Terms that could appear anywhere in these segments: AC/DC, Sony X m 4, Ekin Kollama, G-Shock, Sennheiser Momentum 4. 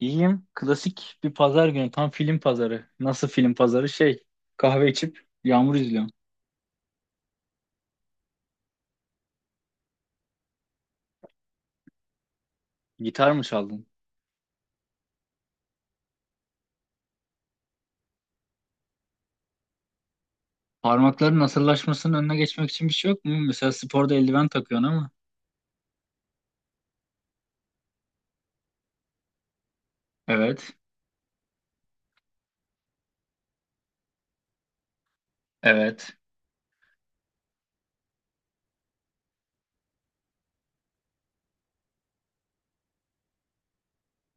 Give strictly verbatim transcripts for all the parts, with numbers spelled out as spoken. İyiyim. Klasik bir pazar günü. Tam film pazarı. Nasıl film pazarı? Şey, kahve içip yağmur izliyorum. Gitar mı çaldın? Parmakların nasırlaşmasının önüne geçmek için bir şey yok mu? Mesela sporda eldiven takıyorsun ama. Evet. Evet.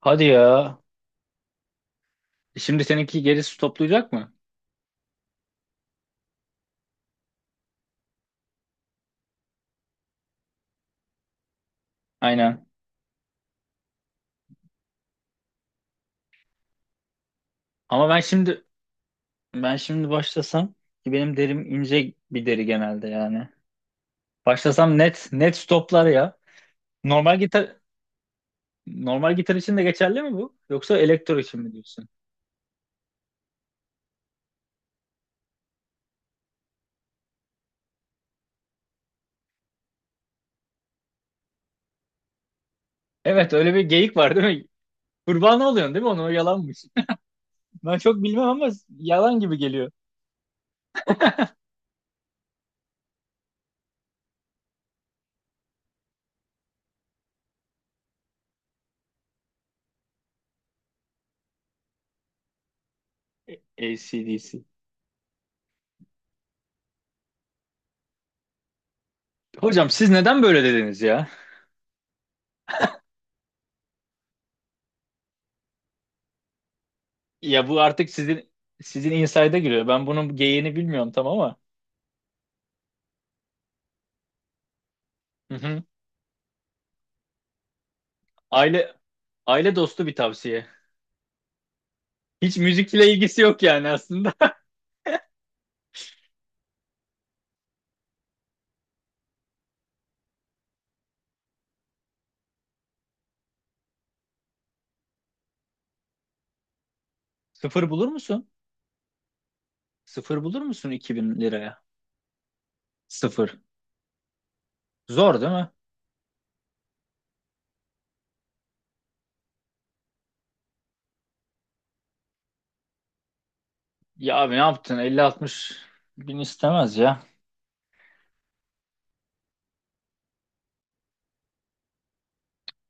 Hadi ya. E Şimdi seninki gerisi toplayacak mı? Aynen. Ama ben şimdi ben şimdi başlasam, ki benim derim ince bir deri genelde yani. Başlasam net net stoplar ya. Normal gitar normal gitar için de geçerli mi bu? Yoksa elektro için mi diyorsun? Evet, öyle bir geyik var değil mi? Kurban oluyorsun değil mi? Onu o yalanmış. Ben çok bilmem ama yalan gibi geliyor. A C/D C. Hocam, siz neden böyle dediniz ya? Ya bu artık sizin sizin inside'a giriyor. Ben bunun geyiğini bilmiyorum tam ama. Hı hı. Aile aile dostu bir tavsiye. Hiç müzikle ilgisi yok yani aslında. Sıfır bulur musun? Sıfır bulur musun iki bin liraya? Sıfır. Zor değil mi? Ya abi ne yaptın? elli altmış bin istemez ya.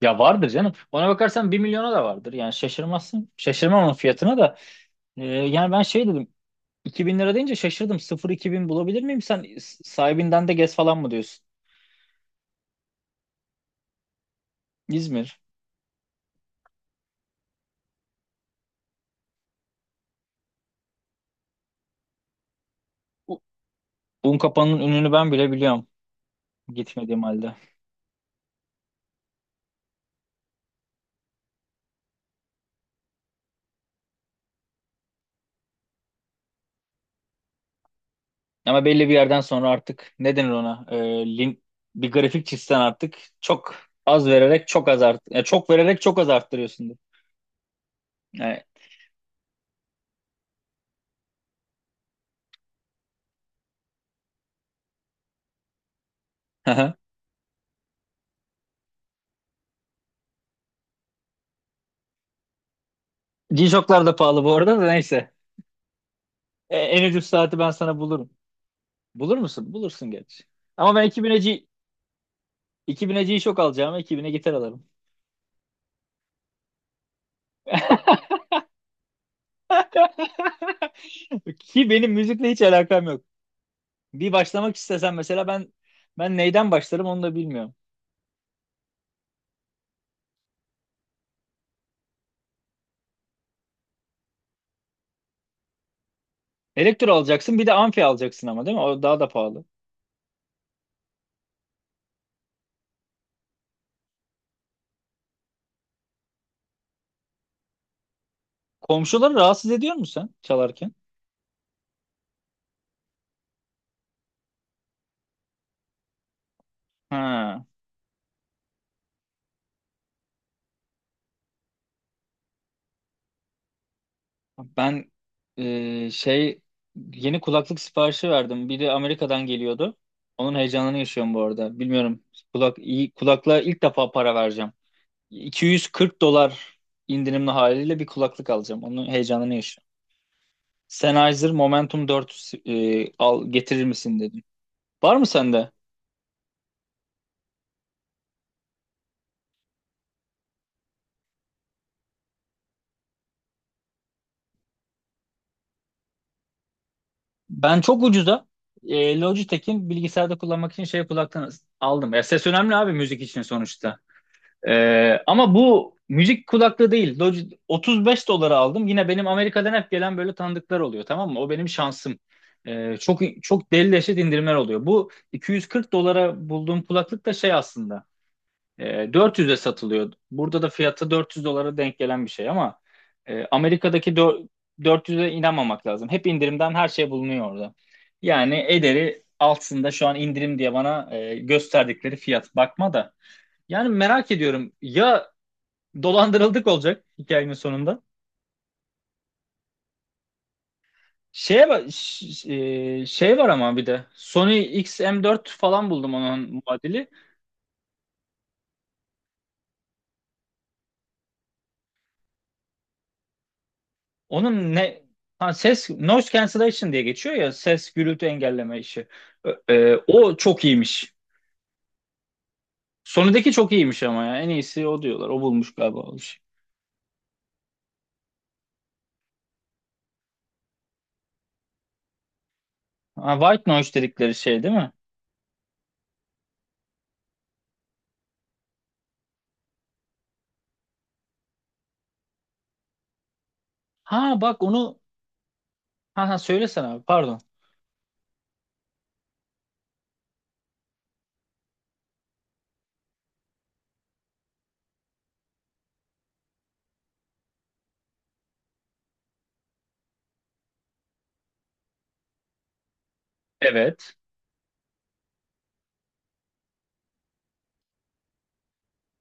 Ya vardır canım. Ona bakarsan bir milyona da vardır. Yani şaşırmazsın. Şaşırmam onun fiyatına da. Ee, yani ben şey dedim. iki bin lira deyince şaşırdım. sıfır-iki bin bulabilir miyim? Sen s- sahibinden de gez falan mı diyorsun? İzmir. Bu- Unkapanı'nın ününü ben bile biliyorum, gitmediğim halde. Ama belli bir yerden sonra artık ne denir ona? Ee, lin- bir grafik çizsen, artık çok az vererek çok az art ya, çok vererek çok az arttırıyorsun. Yani, G-Shock'lar da pahalı bu arada, da neyse. E, en ucuz saati ben sana bulurum. Bulur musun? Bulursun gerçi. Ama ben iki bine G- iki bine G-Shock alacağım. iki bine gitar alırım. Ki benim müzikle hiç alakam yok. Bir başlamak istesem, mesela ben ben neyden başlarım onu da bilmiyorum. Elektro alacaksın, bir de amfi alacaksın ama değil mi? O daha da pahalı. Komşuları rahatsız ediyor musun sen çalarken? Ha. Ben e, şey yeni kulaklık siparişi verdim. Biri Amerika'dan geliyordu. Onun heyecanını yaşıyorum bu arada. Bilmiyorum. Kulak iyi kulaklığa ilk defa para vereceğim. iki yüz kırk dolar indirimli haliyle bir kulaklık alacağım. Onun heyecanını yaşıyorum. Sennheiser Momentum dört e, al getirir misin dedim. Var mı sende? Ben çok ucuza e, Logitech'in bilgisayarda kullanmak için şey kulaktan aldım. Ya ses önemli abi, müzik için sonuçta. E, ama bu müzik kulaklığı değil. Logi- otuz beş dolara aldım. Yine benim Amerika'dan hep gelen böyle tanıdıklar oluyor, tamam mı? O benim şansım. E, çok çok deli deşet indirimler oluyor. Bu iki yüz kırk dolara bulduğum kulaklık da şey aslında. E, dört yüze satılıyor. Burada da fiyatı dört yüz dolara denk gelen bir şey ama e, Amerika'daki dö- dört yüze inanmamak lazım. Hep indirimden her şey bulunuyor orada. Yani ederi altında şu an indirim diye bana e, gösterdikleri fiyat, bakma da. Yani merak ediyorum ya, dolandırıldık olacak hikayenin sonunda. Şeye ba- ş- e, şey var ama bir de Sony X m dört falan buldum, onun muadili. Onun ne ha, ses noise cancellation diye geçiyor ya, ses gürültü engelleme işi. Ö- e, o çok iyiymiş. Sonundaki çok iyiymiş ama ya, en iyisi o diyorlar. O bulmuş galiba o işi. Ha, white noise dedikleri şey değil mi? Ha bak onu ha, ha söylesene abi, pardon. Evet.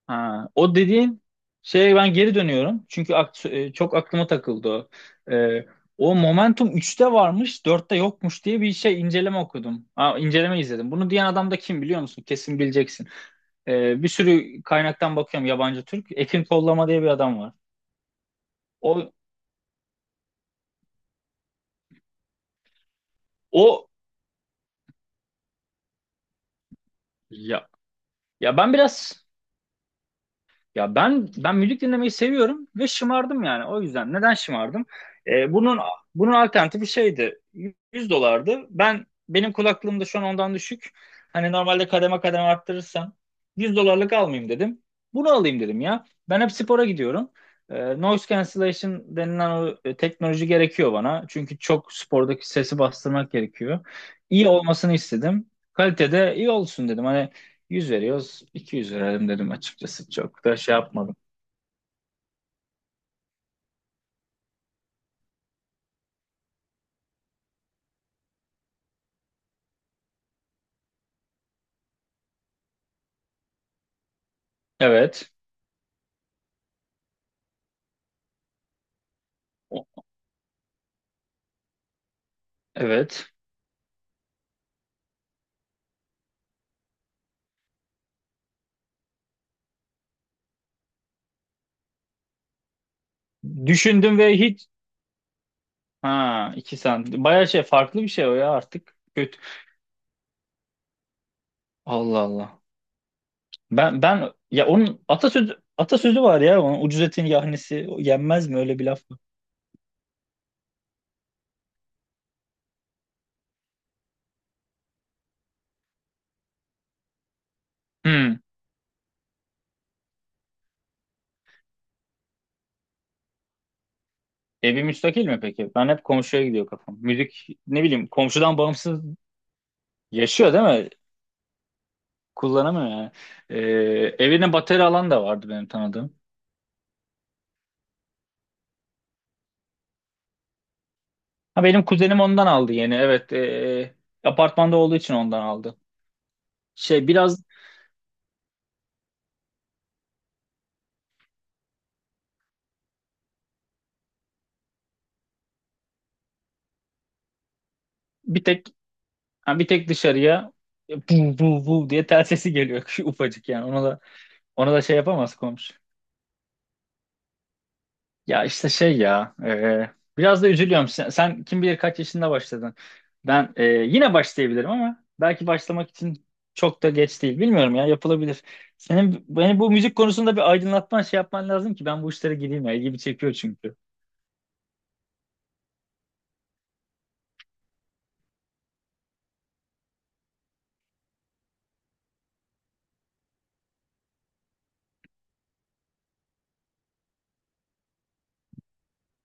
Ha, o dediğin şeye ben geri dönüyorum. Çünkü ak- e, çok aklıma takıldı o. E, o Momentum üçte varmış, dörtte yokmuş diye bir şey inceleme okudum. Ha, inceleme izledim. Bunu diyen adam da kim biliyor musun? Kesin bileceksin. Ee, bir sürü kaynaktan bakıyorum, yabancı, Türk. Ekin Kollama diye bir adam var. O o ya ya ben biraz Ya ben ben müzik dinlemeyi seviyorum ve şımardım yani. O yüzden neden şımardım? Ee, bunun bunun alternatifi şeydi. yüz dolardı. Ben benim kulaklığım da şu an ondan düşük. Hani, normalde kademe kademe arttırırsam yüz dolarlık almayayım dedim. Bunu alayım dedim ya. Ben hep spora gidiyorum. Ee, noise cancellation denilen o e, teknoloji gerekiyor bana. Çünkü çok spordaki sesi bastırmak gerekiyor. İyi olmasını istedim. Kalitede iyi olsun dedim. Hani yüz veriyoruz. iki yüz verelim dedim açıkçası. Çok da şey yapmadım. Evet. O- Evet. Düşündüm ve hiç. Ha, iki santim. Bayağı şey farklı bir şey o ya artık. Kötü. Allah Allah. Ben ben ya Onun atasözü atasözü var ya, onun, ucuz etin yahnisi o yenmez mi, öyle bir laf var. Hmm. Evi müstakil mi peki? Ben hep komşuya gidiyor kafam. Müzik, ne bileyim, komşudan bağımsız yaşıyor değil mi? Kullanamıyor yani. Ee, evine bateri alan da vardı benim tanıdığım. Ha, benim kuzenim ondan aldı yeni. Evet, e, apartmanda olduğu için ondan aldı. Şey biraz bir tek ha, bir tek dışarıya bu bu bu diye tel sesi geliyor, şu ufacık yani. Ona da ona da şey yapamaz komşu. Ya işte şey ya, e, biraz da üzülüyorum. Sen, sen kim bilir kaç yaşında başladın. Ben e, yine başlayabilirim ama belki başlamak için çok da geç değil. Bilmiyorum ya, yapılabilir. Senin beni bu müzik konusunda bir aydınlatman, şey yapman lazım ki ben bu işlere gireyim ya. İlgimi çekiyor çünkü.